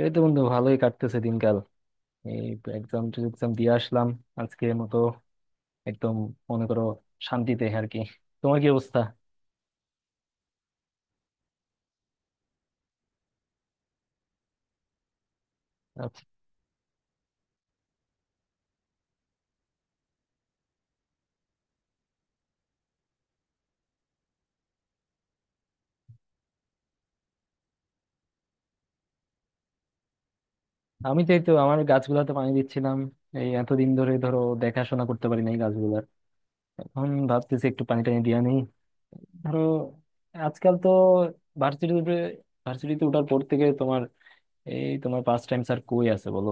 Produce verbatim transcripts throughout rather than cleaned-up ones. এই তো বন্ধু ভালোই কাটতেছে দিনকাল। এই এক্সাম এক্সাম দিয়ে আসলাম আজকের মতো। একদম মনে করো শান্তিতে আর কি। তোমার কি অবস্থা? আচ্ছা, আমি তো এই তো আমার গাছগুলাতে পানি দিচ্ছিলাম। এই এতদিন ধরে ধরো দেখাশোনা করতে পারি নাই গাছগুলার। এখন ভাবতেছি একটু পানি টানি দিয়া নেই। ধরো আজকাল তো ভার্সিটিতে ভার্সিটিতে ওঠার পর থেকে তোমার এই তোমার পাস টাইম স্যার কই আছে বলো?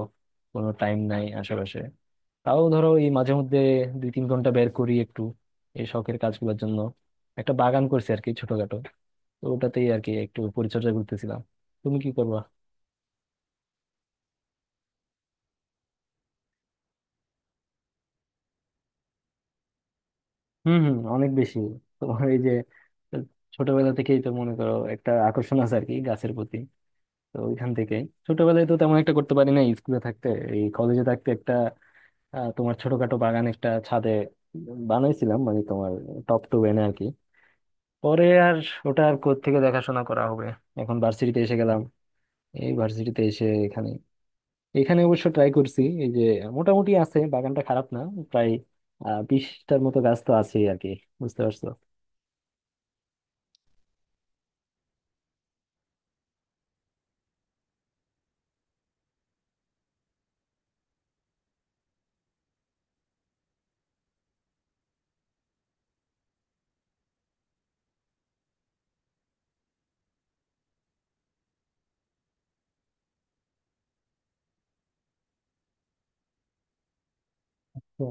কোনো টাইম নাই আশেপাশে। তাও ধরো এই মাঝে মধ্যে দুই তিন ঘন্টা বের করি একটু এই শখের কাজগুলোর জন্য। একটা বাগান করছি আর কি ছোটখাটো। তো ওটাতেই আর কি একটু পরিচর্যা করতেছিলাম। তুমি কি করবা? হুম হুম, অনেক বেশি। তোমার এই যে ছোটবেলা থেকেই তো মনে করো একটা আকর্ষণ আছে আর কি গাছের প্রতি। তো ওইখান থেকেই ছোটবেলায় তো তেমন একটা করতে পারি না স্কুলে থাকতে। এই কলেজে থাকতে একটা আহ, তোমার ছোটখাটো বাগান একটা ছাদে বানাইছিলাম, মানে তোমার টপ টু এনে আর কি। পরে আর ওটা আর কোত্থেকে দেখাশোনা করা হবে? এখন ভার্সিটিতে এসে গেলাম। এই ভার্সিটিতে এসে এখানে এখানে অবশ্য ট্রাই করছি, এই যে মোটামুটি আছে, বাগানটা খারাপ না। প্রায় আহ বিশটার মতো গাছ তো আছেই আর কি। বুঝতে পারছো তো?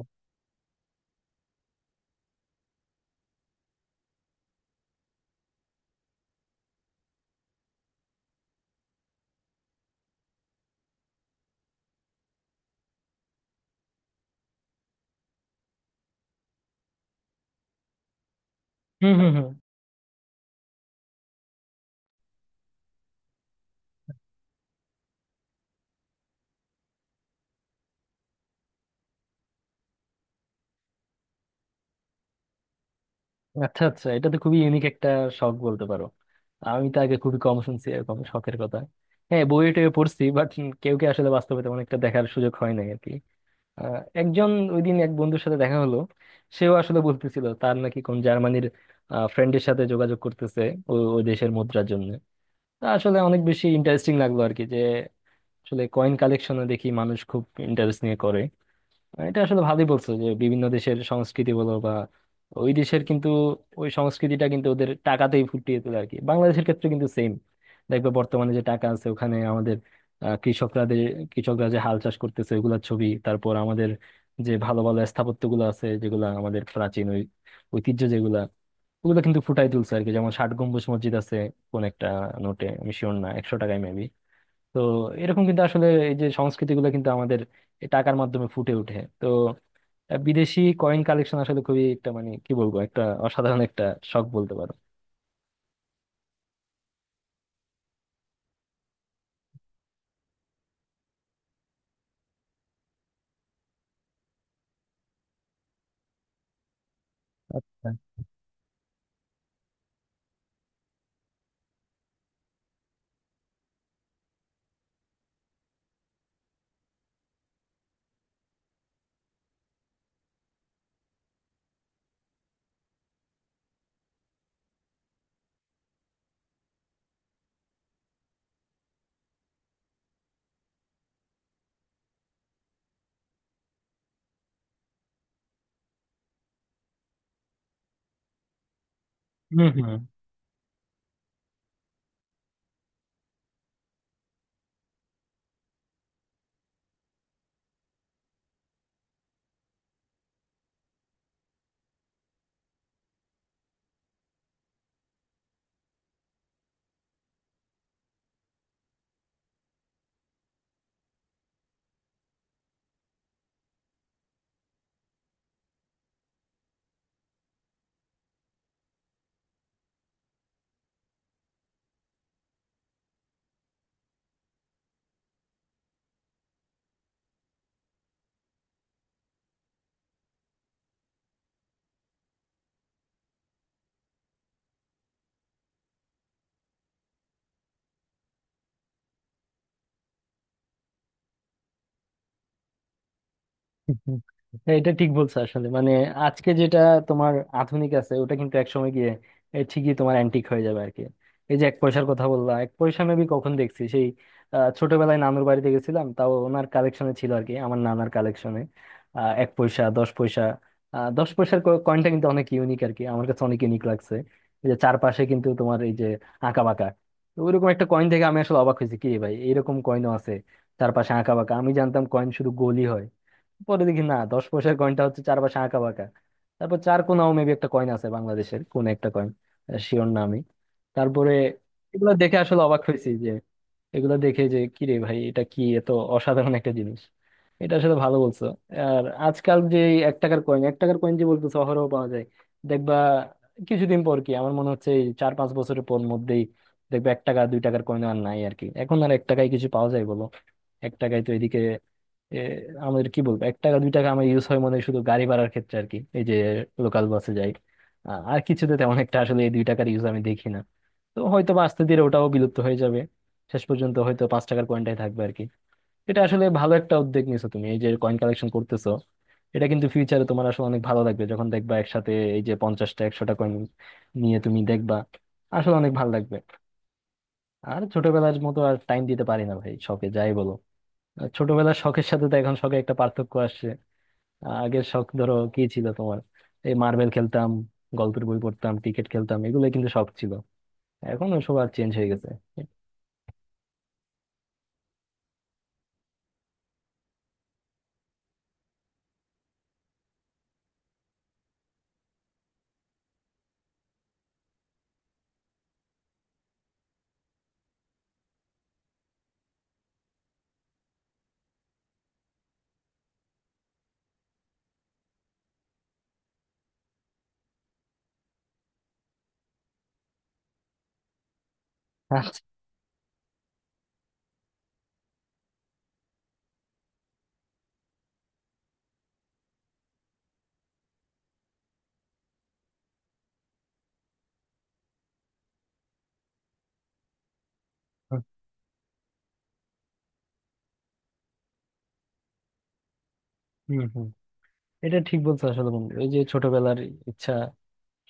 হুম হুম হুম। আচ্ছা আচ্ছা, এটা তো খুবই ইউনিক একটা শখ বলতে পারো। আমি তো আগে খুবই কম শুনছি এরকম শখের কথা। হ্যাঁ, বইয়ে টয়ে পড়ছি বাট কেউ কে আসলে বাস্তবে তেমন একটা দেখার সুযোগ হয় নাই আর কি। আহ, একজন ওই দিন এক বন্ধুর সাথে দেখা হলো। সেও আসলে বলতেছিল তার নাকি কোন জার্মানির ফ্রেন্ডের সাথে যোগাযোগ করতেছে ওই ওই দেশের মুদ্রার জন্য। তা আসলে অনেক বেশি ইন্টারেস্টিং লাগলো আর কি, যে আসলে কয়েন কালেকশনে দেখি মানুষ খুব ইন্টারেস্ট নিয়ে করে। মানে এটা আসলে ভালোই বলছো যে বিভিন্ন দেশের সংস্কৃতি বলো বা ওই দেশের কিন্তু ওই সংস্কৃতিটা কিন্তু ওদের টাকাতেই ফুটিয়ে তোলে আর কি। বাংলাদেশের ক্ষেত্রে কিন্তু সেম, দেখবে বর্তমানে যে টাকা আছে ওখানে আমাদের আহ, কৃষকরা দে- কৃষকরা যে হাল চাষ করতেছে ওইগুলোর ছবি, তারপর আমাদের যে ভালো ভালো স্থাপত্যগুলো আছে যেগুলা আমাদের প্রাচীন ওই ঐতিহ্য, যেগুলা ওগুলো কিন্তু ফুটাই তুলছে আর কি। যেমন ষাট গম্বুজ মসজিদ আছে কোন একটা নোটে, আমি শিওর না, একশো টাকায় মেবি। তো এরকম কিন্তু আসলে এই যে সংস্কৃতিগুলো কিন্তু আমাদের এই টাকার মাধ্যমে ফুটে ওঠে তো। আহ, বিদেশি কয়েন কালেকশন আসলে খুবই একটা, মানে কি বলবো, একটা অসাধারণ একটা শখ বলতে পারো। আচ্ছা। হম হম। হ্যাঁ, এটা ঠিক বলছো আসলে, মানে আজকে যেটা তোমার আধুনিক আছে ওটা কিন্তু একসময় গিয়ে এ, ঠিকই তোমার অ্যান্টিক হয়ে যাবে আর কি। এই যে এক পয়সার কথা বললাম, এক পয়সা আমি কখন দেখছি সেই আহ, ছোটবেলায় নানুর বাড়িতে গেছিলাম, তাও ওনার কালেকশনে ছিল আর কি, আমার নানার কালেকশনে। এক পয়সা, দশ পয়সা। আহ, দশ পয়সার কয়েনটা কিন্তু অনেক ইউনিক আর কি, আমার কাছে অনেক ইউনিক লাগছে। এই যে চারপাশে কিন্তু তোমার এই যে আঁকা বাঁকা। তো ওইরকম একটা কয়েন থেকে আমি আসলে অবাক হয়েছি, কি রে ভাই এরকম কয়েনও আছে চারপাশে আঁকা বাঁকা। আমি জানতাম কয়েন শুধু গোলই হয়। পরে দেখি না, দশ পয়সার কয়েনটা হচ্ছে চার পাশে আঁকা বাঁকা। তারপর চার কোনাও মেবি একটা কয়েন আছে বাংলাদেশের, কোন একটা কয়েন, শিওর না আমি। তারপরে এগুলো দেখে আসলে অবাক হয়েছি, এগুলো দেখে যে কি রে ভাই এটা কি এত অসাধারণ একটা জিনিস। এটা আসলে ভালো বলছো। আর আজকাল যে এই এক টাকার কয়েন এক টাকার কয়েন যে বলতো শহরেও পাওয়া যায়, দেখবা কিছুদিন পর, কি আমার মনে হচ্ছে এই চার পাঁচ বছরের পর মধ্যেই দেখবে এক টাকা দুই টাকার কয়েন আর নাই আর কি। এখন আর এক টাকায় কিছু পাওয়া যায় বলো? এক টাকায় তো এদিকে এ, আমাদের কি বলবো, এক টাকা দুই টাকা আমার ইউজ হয় মনে হয় শুধু গাড়ি ভাড়ার ক্ষেত্রে আর কি, এই যে লোকাল বাসে যাই। আ- আর কিছুতে তেমন একটা আসলে এই দুই টাকার ইউজ আমি দেখি না। তো হয়তো বা আস্তে ধীরে ওটাও বিলুপ্ত হয়ে যাবে, শেষ পর্যন্ত হয়তো পাঁচ টাকার কয়েনটাই থাকবে আর কি। এটা আসলে ভালো একটা উদ্যোগ নিছো তুমি, এই যে কয়েন কালেকশন করতেছো। এটা কিন্তু ফিউচারে তোমার আসলে অনেক ভালো লাগবে যখন দেখবা একসাথে এই যে পঞ্চাশটা একশোটা কয়েন নিয়ে তুমি দেখবা, আসলে অনেক ভালো লাগবে। আর ছোটবেলার মতো আর টাইম দিতে পারি না ভাই শখে, যাই বলো। আর ছোটবেলার শখের সাথে তো এখন শখে একটা পার্থক্য আসছে। আগের শখ ধরো কি ছিল তোমার? এই মার্বেল খেলতাম, গল্পের বই পড়তাম, ক্রিকেট খেলতাম, এগুলো কিন্তু শখ ছিল। এখন ওসব আর চেঞ্জ হয়ে গেছে। আচ্ছা। হুম হুম। এটা ঠিক বলছো আসলে বন্ধু, এই যে ছোটবেলার ইচ্ছা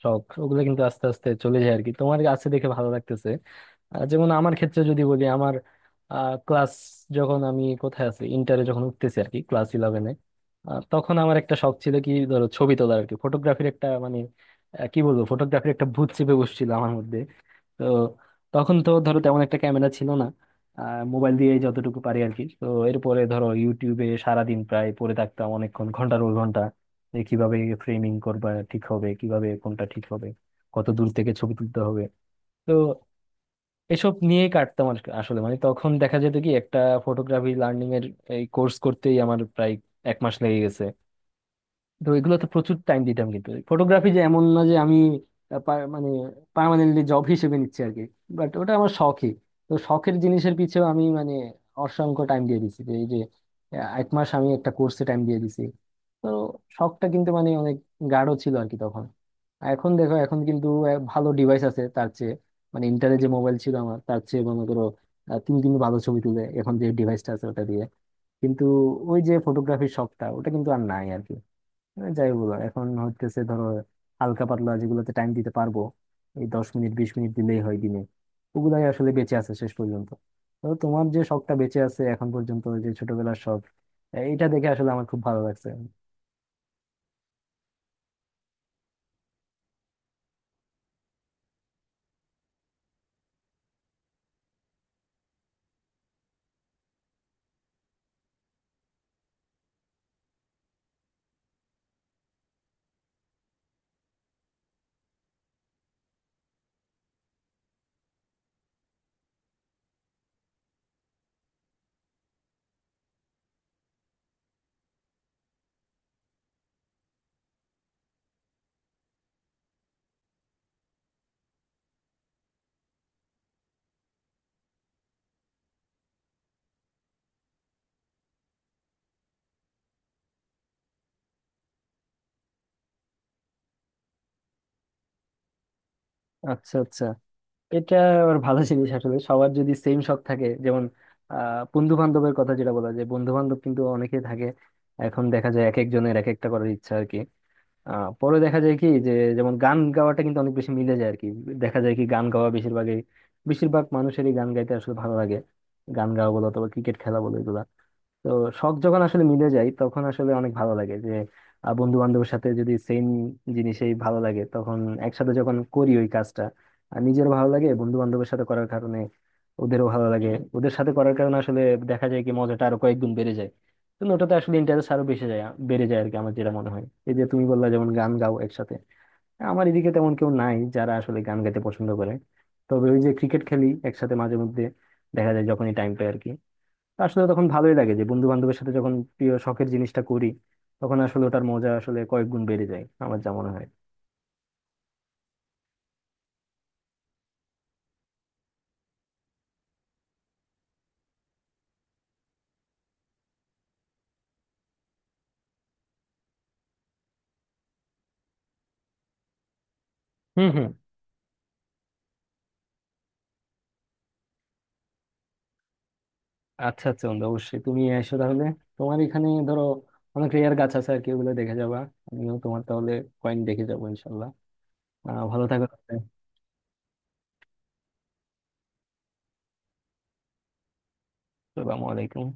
শখ ওগুলো কিন্তু আস্তে আস্তে চলে যায় আর কি। তোমার আছে দেখে ভালো লাগতেছে। আহ, যেমন আমার ক্ষেত্রে যদি বলি, আমার ক্লাস যখন আমি কোথায় আছি ইন্টারে যখন উঠতেছি আর কি, ক্লাস ইলেভেনে, তখন আমার একটা শখ ছিল কি ধরো ছবি তোলার আর কি, ফটোগ্রাফির একটা, মানে আহ, কি বলবো, ফটোগ্রাফির একটা ভূত চেপে বসছিল আমার মধ্যে। তো তখন তো ধরো তেমন একটা ক্যামেরা ছিল না, মোবাইল দিয়ে যতটুকু পারি আর কি। তো এরপরে ধরো ইউটিউবে সারাদিন প্রায় পড়ে থাকতাম অনেকক্ষণ, ঘন্টার পর ঘন্টা, যে কিভাবে ফ্রেমিং করবা ঠিক হবে, কিভাবে কোনটা ঠিক হবে, কত দূর থেকে ছবি তুলতে হবে। তো এসব নিয়েই কাটতাম আর কি। আসলে মানে তখন দেখা যেত কি একটা ফটোগ্রাফি লার্নিং এর এই কোর্স করতেই আমার প্রায় এক মাস লেগে গেছে। তো এগুলোতে প্রচুর টাইম দিতাম, কিন্তু ফটোগ্রাফি যে এমন না যে আমি আহ, পা- মানে পার্মানেন্টলি জব হিসেবে নিচ্ছি আর কি, বাট ওটা আমার শখই। তো শখের জিনিসের পিছেও আমি, মানে অসংখ্য টাইম দিয়ে দিছি, যে এই যে আহ, এক মাস আমি একটা কোর্সে টাইম দিয়ে দিছি। তো শখটা কিন্তু মানে অনেক গাঢ় ছিল আর কি তখন। আর এখন দেখো, এখন কিন্তু আহ, ভালো ডিভাইস আছে তার চেয়ে, মানে ইন্টারে যে মোবাইল ছিল আমার তার চেয়ে মনে করো আহ, তিন দিন ভালো ছবি তুলে এখন যে ডিভাইসটা আছে ওটা দিয়ে, কিন্তু ওই যে ফটোগ্রাফির শখটা ওটা কিন্তু আর নাই আর কি। হ্যাঁ, যাই বলো এখন হচ্ছে ধরো হালকা পাতলা যেগুলোতে টাইম দিতে পারবো, এই দশ মিনিট বিশ মিনিট দিলেই হয় দিনে, ওগুলাই আসলে বেঁচে আছে শেষ পর্যন্ত। তো তোমার যে শখটা বেঁচে আছে এখন পর্যন্ত, যে ছোটবেলার শখ, এটা দেখে আসলে আমার খুব ভালো লাগছে। আচ্ছা আচ্ছা। এটা আবার ভালো জিনিস আসলে, সবার যদি সেম শখ থাকে, যেমন আহ বন্ধু বান্ধবের কথা যেটা বলা যায়, বন্ধু বান্ধব কিন্তু অনেকেই থাকে, এখন দেখা যায় এক একজনের এক একটা করার ইচ্ছা আর কি। আহ পরে দেখা যায় কি, যে যেমন গান গাওয়াটা কিন্তু অনেক বেশি মিলে যায় আর কি। দেখা যায় কি গান গাওয়া বেশিরভাগই, বেশিরভাগ মানুষেরই গান গাইতে আসলে ভালো লাগে। গান গাওয়া বলো অথবা ক্রিকেট খেলা বলো, এগুলা। তো শখ যখন আসলে মিলে যায় তখন আসলে অনেক ভালো লাগে, যে বন্ধু বান্ধবের সাথে যদি সেম জিনিসেই ভালো লাগে তখন, একসাথে যখন করি ওই কাজটা, আর নিজেরও ভালো লাগে বন্ধু বান্ধবের সাথে করার কারণে। ওদেরও ভালো লাগে ওদের সাথে করার কারণে, আসলে দেখা যায় কি মজাটা আরো কয়েক গুণ বেড়ে যায়। তো ওটাতে আসলে ইন্টারেস্ট আরো বেশি যায়, বেড়ে যায় আর কি, আমার যেটা মনে হয়। এই যে তুমি বললা যেমন গান গাও একসাথে, আমার এদিকে তেমন কেউ নাই যারা আসলে গান গাইতে পছন্দ করে। তবে ওই যে ক্রিকেট খেলি একসাথে মাঝে মধ্যে, দেখা যায় যখনই টাইম পাই আর কি। তো আসলে তখন ভালোই লাগে যে বন্ধু বান্ধবের সাথে যখন প্রিয় শখের জিনিসটা করি, তখন আসলে ওটার মজা আসলে কয়েক গুণ বেড়ে যায়, আমার যা মনে হয়। হুম হুম। আচ্ছা আচ্ছা, বন্ধু অবশ্যই তুমি এসো তাহলে। তোমার এখানে ধরো অনেক রেয়ার গাছ আছে আর কি, ওগুলো দেখে যাবা। আমিও তোমার তাহলে কয়েন দেখে যাবো, ইনশাল্লাহ। আহ ভালো থাকো তাহলে। আসসালামু আলাইকুম।